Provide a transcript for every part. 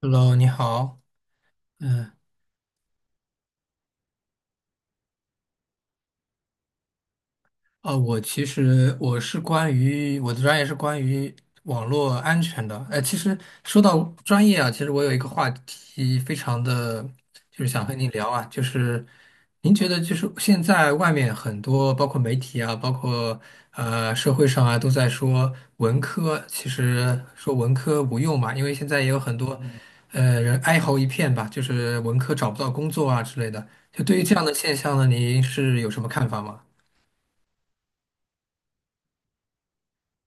Hello，你好，嗯、我其实我是关于我的专业是关于网络安全的。其实说到专业啊，其实我有一个话题非常的，就是想和您聊啊，就是您觉得就是现在外面很多包括媒体啊，包括社会上啊，都在说文科，其实说文科无用嘛，因为现在也有很多人哀嚎一片吧，就是文科找不到工作啊之类的。就对于这样的现象呢，您是有什么看法吗？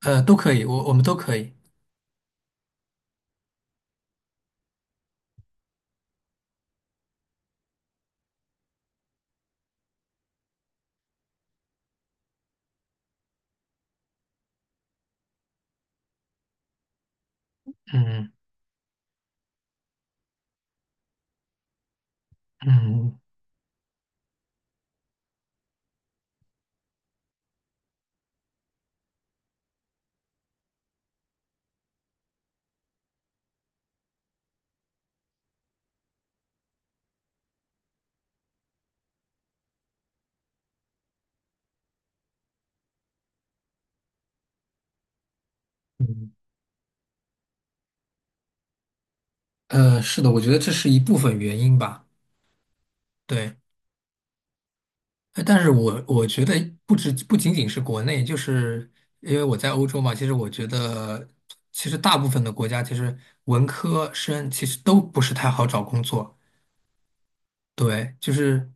都可以，我们都可以。嗯嗯嗯，是的，我觉得这是一部分原因吧。对，但是我觉得不仅仅是国内，就是因为我在欧洲嘛，其实我觉得其实大部分的国家其实文科生其实都不是太好找工作。对，就是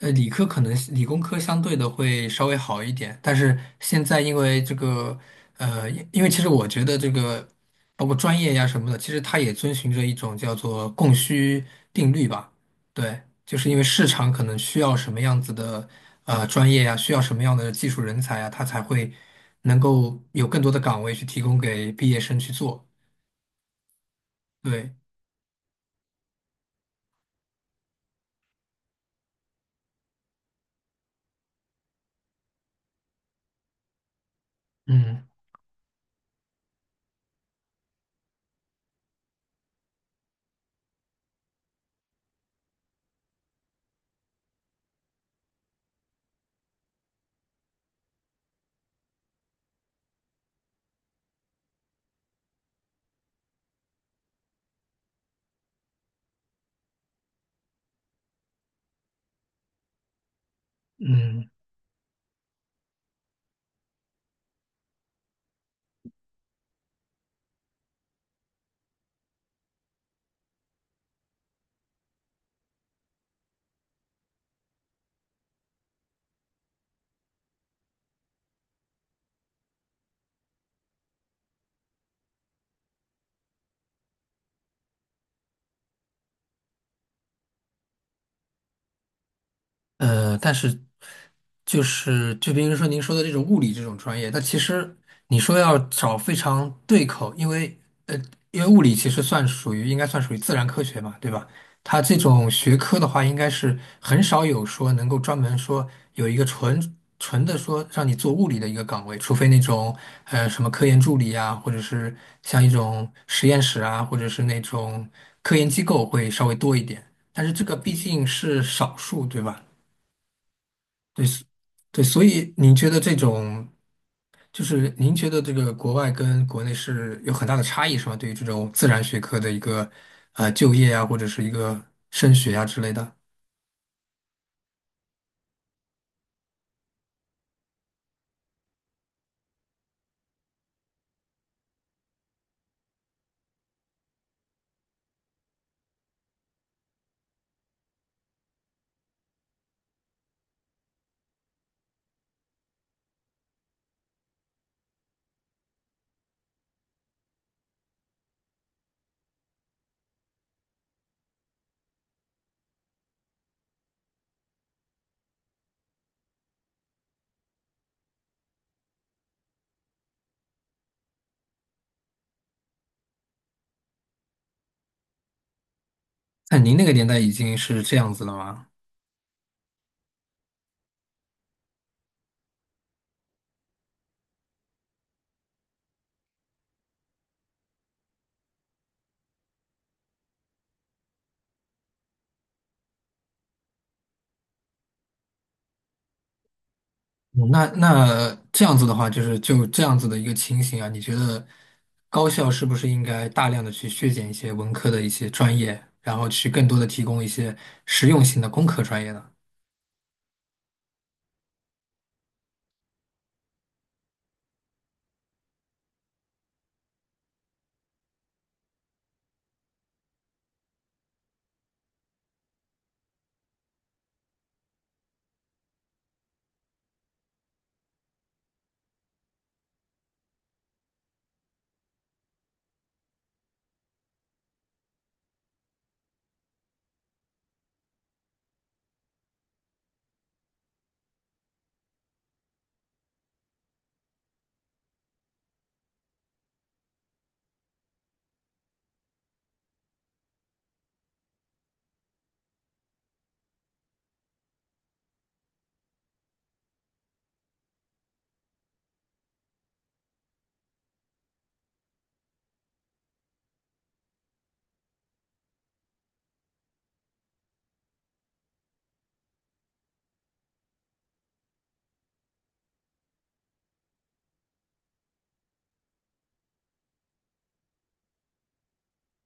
呃，理科可能理工科相对的会稍微好一点，但是现在因为这个，因为其实我觉得这个，包括专业呀什么的，其实它也遵循着一种叫做供需定律吧。对，就是因为市场可能需要什么样子的专业呀，需要什么样的技术人才呀，它才会能够有更多的岗位去提供给毕业生去做。对，嗯嗯。但是就比如说您说的这种物理这种专业，它其实你说要找非常对口，因为呃，因为物理其实算属于应该算属于自然科学嘛，对吧？它这种学科的话，应该是很少有说能够专门说有一个纯纯的说让你做物理的一个岗位，除非那种什么科研助理啊，或者是像一种实验室啊，或者是那种科研机构会稍微多一点，但是这个毕竟是少数，对吧？对，所以您觉得这种，就是您觉得这个国外跟国内是有很大的差异，是吗？对于这种自然学科的一个就业啊，或者是一个升学啊之类的，那您那个年代已经是这样子了吗？嗯那那这样子的话，就这样子的一个情形啊，你觉得高校是不是应该大量的去削减一些文科的一些专业，然后去更多的提供一些实用性的工科专业呢？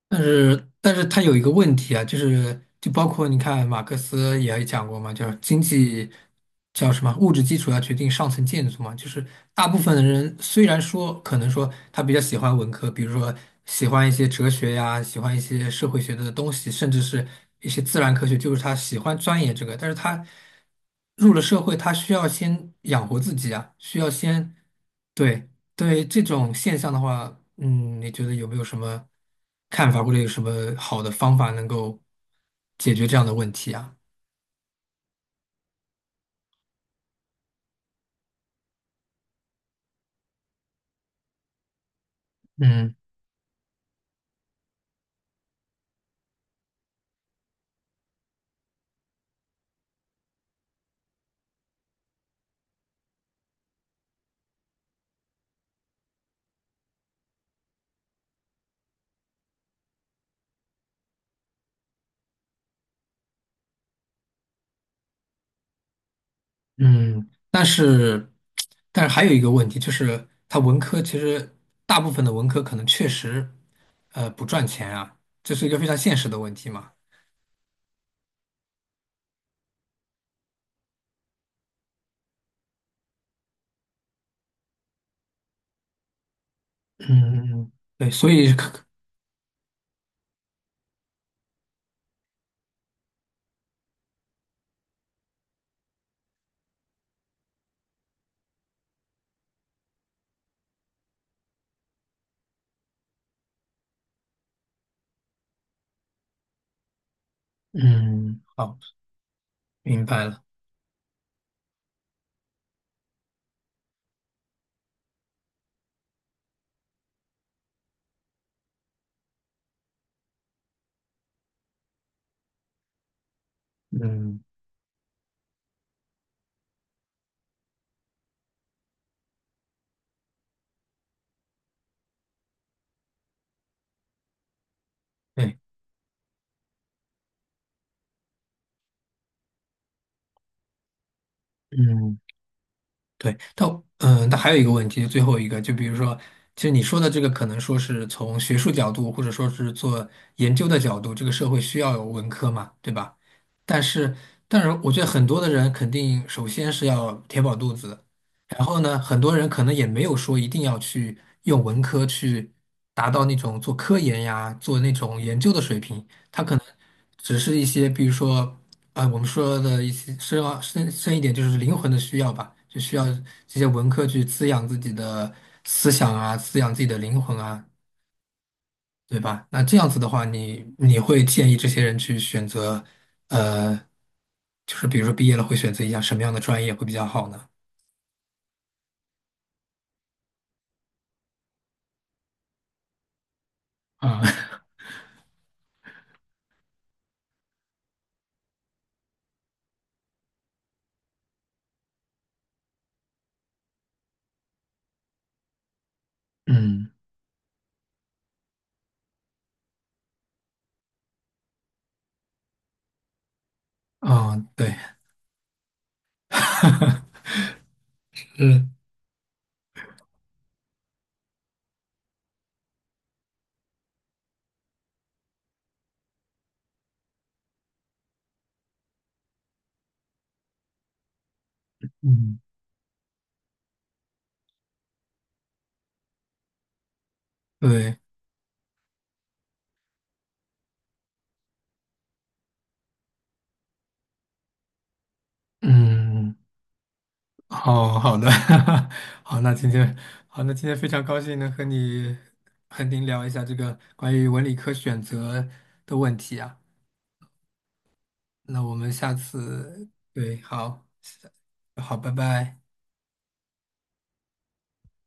但是他有一个问题啊，就是就包括你看马克思也讲过嘛，叫经济叫什么物质基础要决定上层建筑嘛，就是大部分的人虽然说可能说他比较喜欢文科，比如说喜欢一些哲学呀，喜欢一些社会学的东西，甚至是一些自然科学，就是他喜欢钻研这个，但是他入了社会，他需要先养活自己啊，需要先。对，对这种现象的话，嗯，你觉得有没有什么看法，或者有什么好的方法能够解决这样的问题啊？嗯嗯，但是还有一个问题，就是它文科其实大部分的文科可能确实不赚钱啊，这是一个非常现实的问题嘛。嗯，嗯嗯，对，所以可嗯，好，明白了。嗯，对，嗯。对，但嗯，但还有一个问题，最后一个，就比如说，其实你说的这个，可能说是从学术角度，或者说是做研究的角度，这个社会需要有文科嘛，对吧？但是，但是我觉得很多的人肯定首先是要填饱肚子，然后呢，很多人可能也没有说一定要去用文科去达到那种做科研呀、做那种研究的水平，他可能只是一些，比如说。啊，我们说的一些深深一点，就是灵魂的需要吧，就需要这些文科去滋养自己的思想啊，滋养自己的灵魂啊，对吧？那这样子的话，你会建议这些人去选择，呃，就是比如说毕业了会选择一下什么样的专业会比较好呢？啊，嗯，啊，对，嗯嗯，对，嗯。好好的，好，那今天好，那今天非常高兴能和您聊一下这个关于文理科选择的问题啊。那我们下次，对，好，好，拜拜。